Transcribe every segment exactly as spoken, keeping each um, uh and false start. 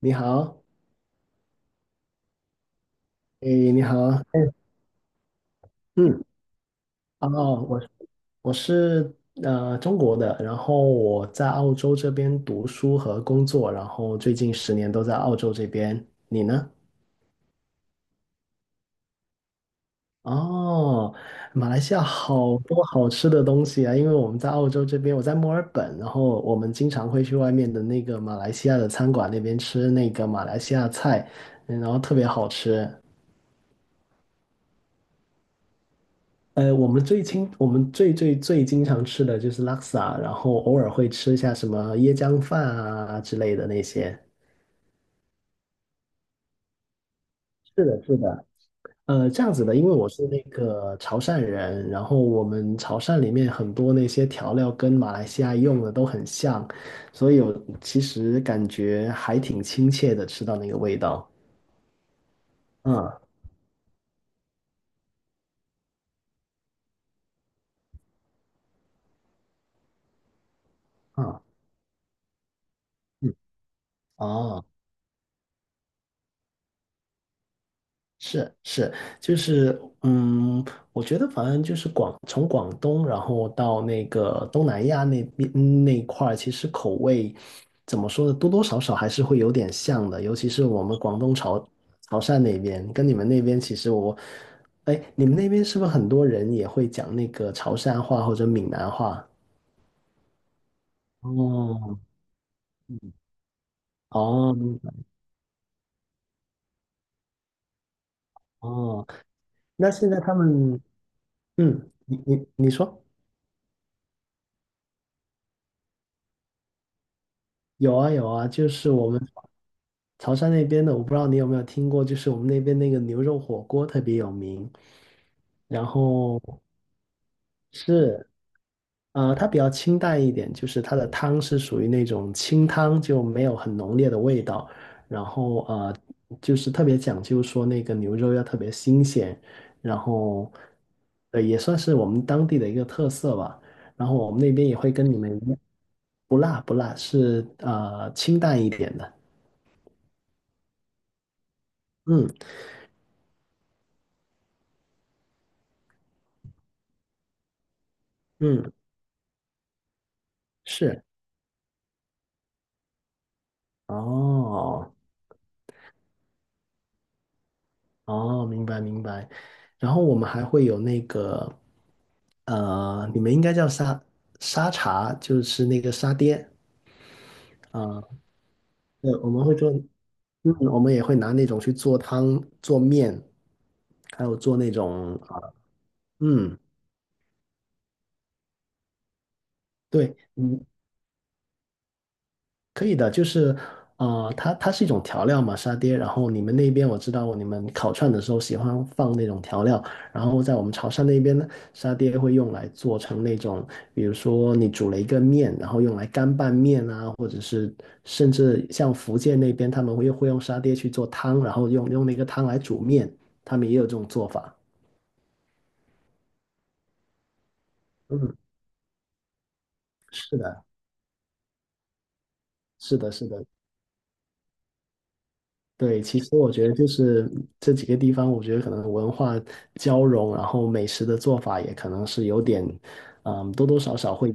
你好。诶，你好。嗯。哦，我我是呃中国的，然后我在澳洲这边读书和工作，然后最近十年都在澳洲这边。你呢？哦，马来西亚好多好吃的东西啊！因为我们在澳洲这边，我在墨尔本，然后我们经常会去外面的那个马来西亚的餐馆那边吃那个马来西亚菜，嗯然后特别好吃。呃，我们最经我们最最最经常吃的就是拉萨，然后偶尔会吃一下什么椰浆饭啊之类的那些。是的，是的。呃，这样子的，因为我是那个潮汕人，然后我们潮汕里面很多那些调料跟马来西亚用的都很像，所以我其实感觉还挺亲切的，吃到那个味道。嗯嗯嗯。哦。是是，就是嗯，我觉得反正就是广从广东，然后到那个东南亚那边嗯那一块儿，其实口味怎么说呢，多多少少还是会有点像的，尤其是我们广东潮潮汕那边，跟你们那边其实我，哎，你们那边是不是很多人也会讲那个潮汕话或者闽南话？哦哦哦。那现在他们嗯，你你你说。有啊有啊，就是我们。潮汕那边的，我不知道你有没有听过，就是我们那边那个牛肉火锅特别有名。然后是，呃，它比较清淡一点，就是它的汤是属于那种清汤，就没有很浓烈的味道。然后呃，就是特别讲究说那个牛肉要特别新鲜，然后呃也算是我们当地的一个特色吧。然后我们那边也会跟你们一样，不辣不辣，是呃清淡一点的。嗯嗯，是。哦哦，明白明白。然后我们还会有那个，呃，你们应该叫沙沙茶，就是那个沙爹啊。呃对，我们会做，嗯，我们也会拿那种去做汤、做面，还有做那种啊，呃嗯，对，你可以的，就是呃，它它是一种调料嘛，沙爹。然后你们那边我知道，你们烤串的时候喜欢放那种调料，然后在我们潮汕那边呢，沙爹会用来做成那种，比如说你煮了一个面，然后用来干拌面啊，或者是甚至像福建那边他们会会用沙爹去做汤，然后用用那个汤来煮面，他们也有这种做法。嗯，是的，是的，是的。对，其实我觉得就是这几个地方，我觉得可能文化交融，然后美食的做法也可能是有点，嗯，多多少少会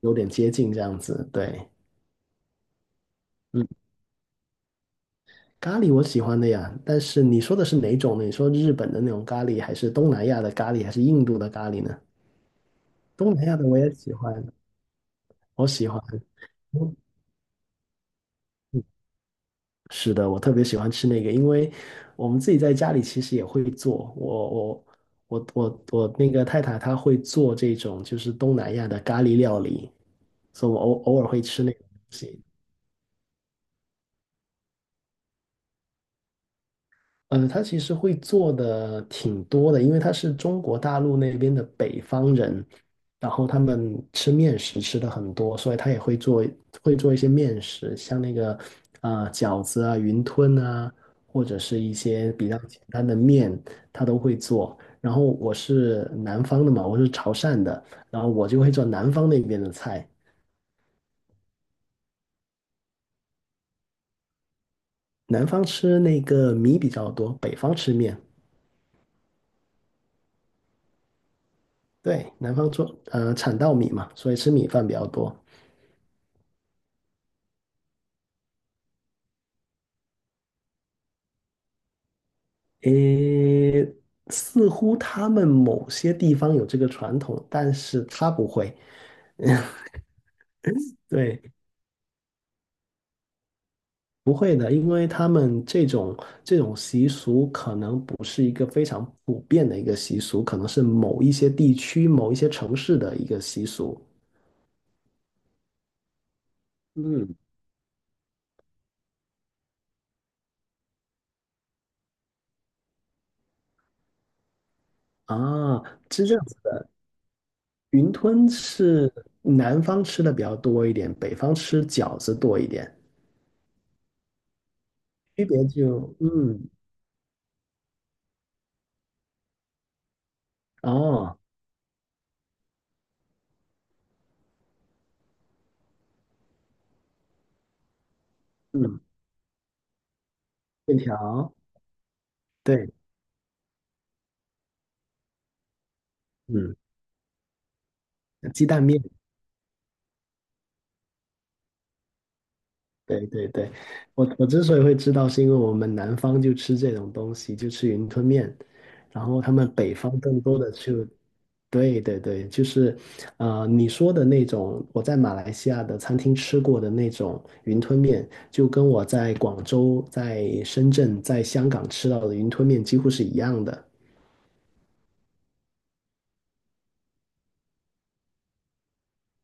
有点接近这样子。对，嗯，咖喱我喜欢的呀，但是你说的是哪种呢？你说日本的那种咖喱，还是东南亚的咖喱，还是印度的咖喱呢？东南亚的我也喜欢，我喜欢。是的，我特别喜欢吃那个，因为我们自己在家里其实也会做。我我我我我那个太太她会做这种就是东南亚的咖喱料理，所以我偶偶尔会吃那个东西。呃，他其实会做的挺多的，因为他是中国大陆那边的北方人，然后他们吃面食吃的很多，所以他也会做会做一些面食，像那个啊、呃饺子啊、云吞啊，或者是一些比较简单的面，他都会做。然后我是南方的嘛，我是潮汕的，然后我就会做南方那边的菜，南方吃那个米比较多，北方吃面。对，南方做呃产稻米嘛，所以吃米饭比较多。诶，似乎他们某些地方有这个传统，但是他不会，对，不会的，因为他们这种这种习俗可能不是一个非常普遍的一个习俗，可能是某一些地区、某一些城市的一个习俗。嗯，啊，是这样子的，云吞是南方吃的比较多一点，北方吃饺子多一点，区别就嗯，哦，嗯，面条，对，嗯。鸡蛋面，对对对，我我之所以会知道，是因为我们南方就吃这种东西，就吃云吞面，然后他们北方更多的就，对对对，就是呃你说的那种，我在马来西亚的餐厅吃过的那种云吞面，就跟我在广州、在深圳、在香港吃到的云吞面几乎是一样的。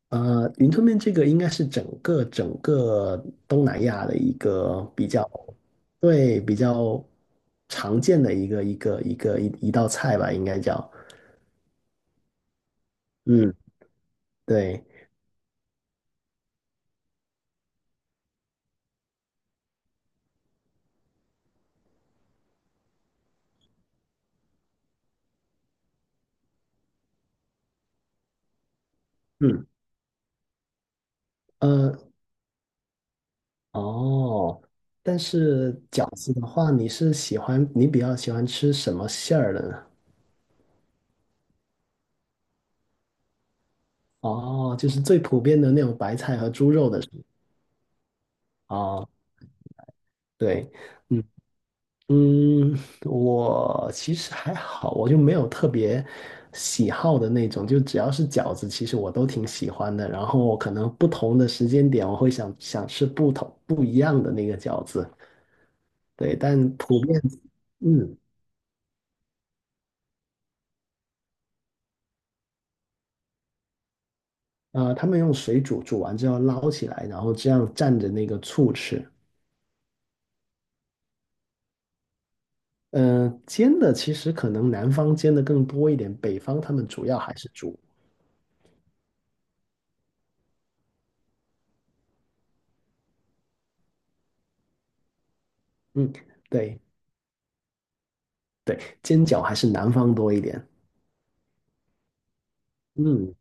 呃，云吞面这个应该是整个整个东南亚的一个比较，对，比较常见的一个一个一个一一道菜吧，应该叫。嗯，对，嗯，呃，哦，但是饺子的话，你是喜欢你比较喜欢吃什么馅儿的呢？哦，就是最普遍的那种白菜和猪肉的是吗？哦，对，嗯。嗯，我其实还好，我就没有特别喜好的那种，就只要是饺子，其实我都挺喜欢的。然后可能不同的时间点，我会想想吃不同不一样的那个饺子。对，但普遍，嗯，呃，他们用水煮，煮完之后捞起来，然后这样蘸着那个醋吃。嗯、煎的其实可能南方煎的更多一点，北方他们主要还是煮。嗯，对对，煎饺还是南方多一点。嗯。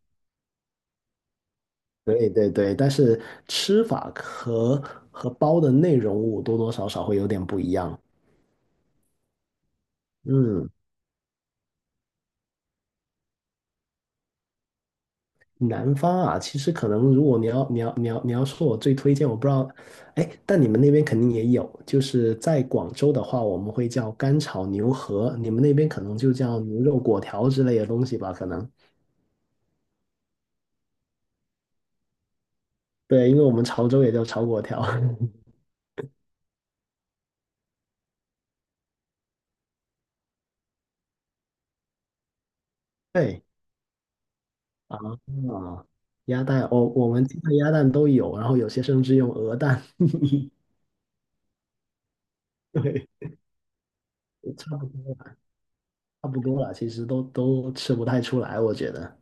对对对，但是吃法和和包的内容物多多少少会有点不一样。嗯，南方啊，其实可能如果你要你要你要你要说我最推荐，我不知道，哎，但你们那边肯定也有，就是在广州的话，我们会叫干炒牛河，你们那边可能就叫牛肉果条之类的东西吧，可能。对，因为我们潮州也叫炒果条。对啊啊，鸭蛋，我我们鸡蛋、鸭蛋都有，然后有些甚至用鹅蛋。对，差不多。差不多了，其实都都吃不太出来，我觉得。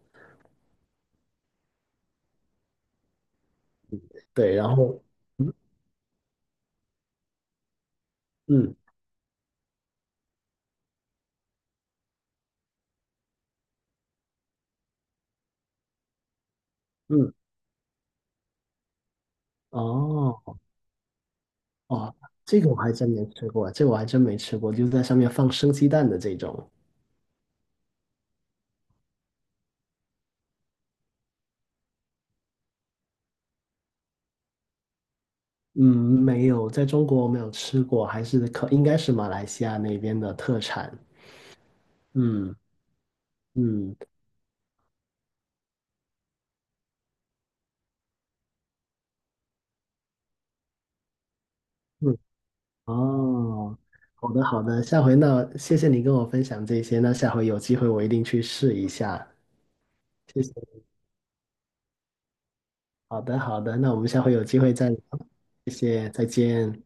对，然后，嗯嗯嗯，哦哦，这个我还真没吃过，这个我还真没吃过，就在上面放生鸡蛋的这种，嗯，没有，在中国没有吃过，还是可应该是马来西亚那边的特产。嗯嗯嗯，哦，好的好的，下回那谢谢你跟我分享这些，那下回有机会我一定去试一下，谢谢。好的好的，那我们下回有机会再聊，谢谢，再见。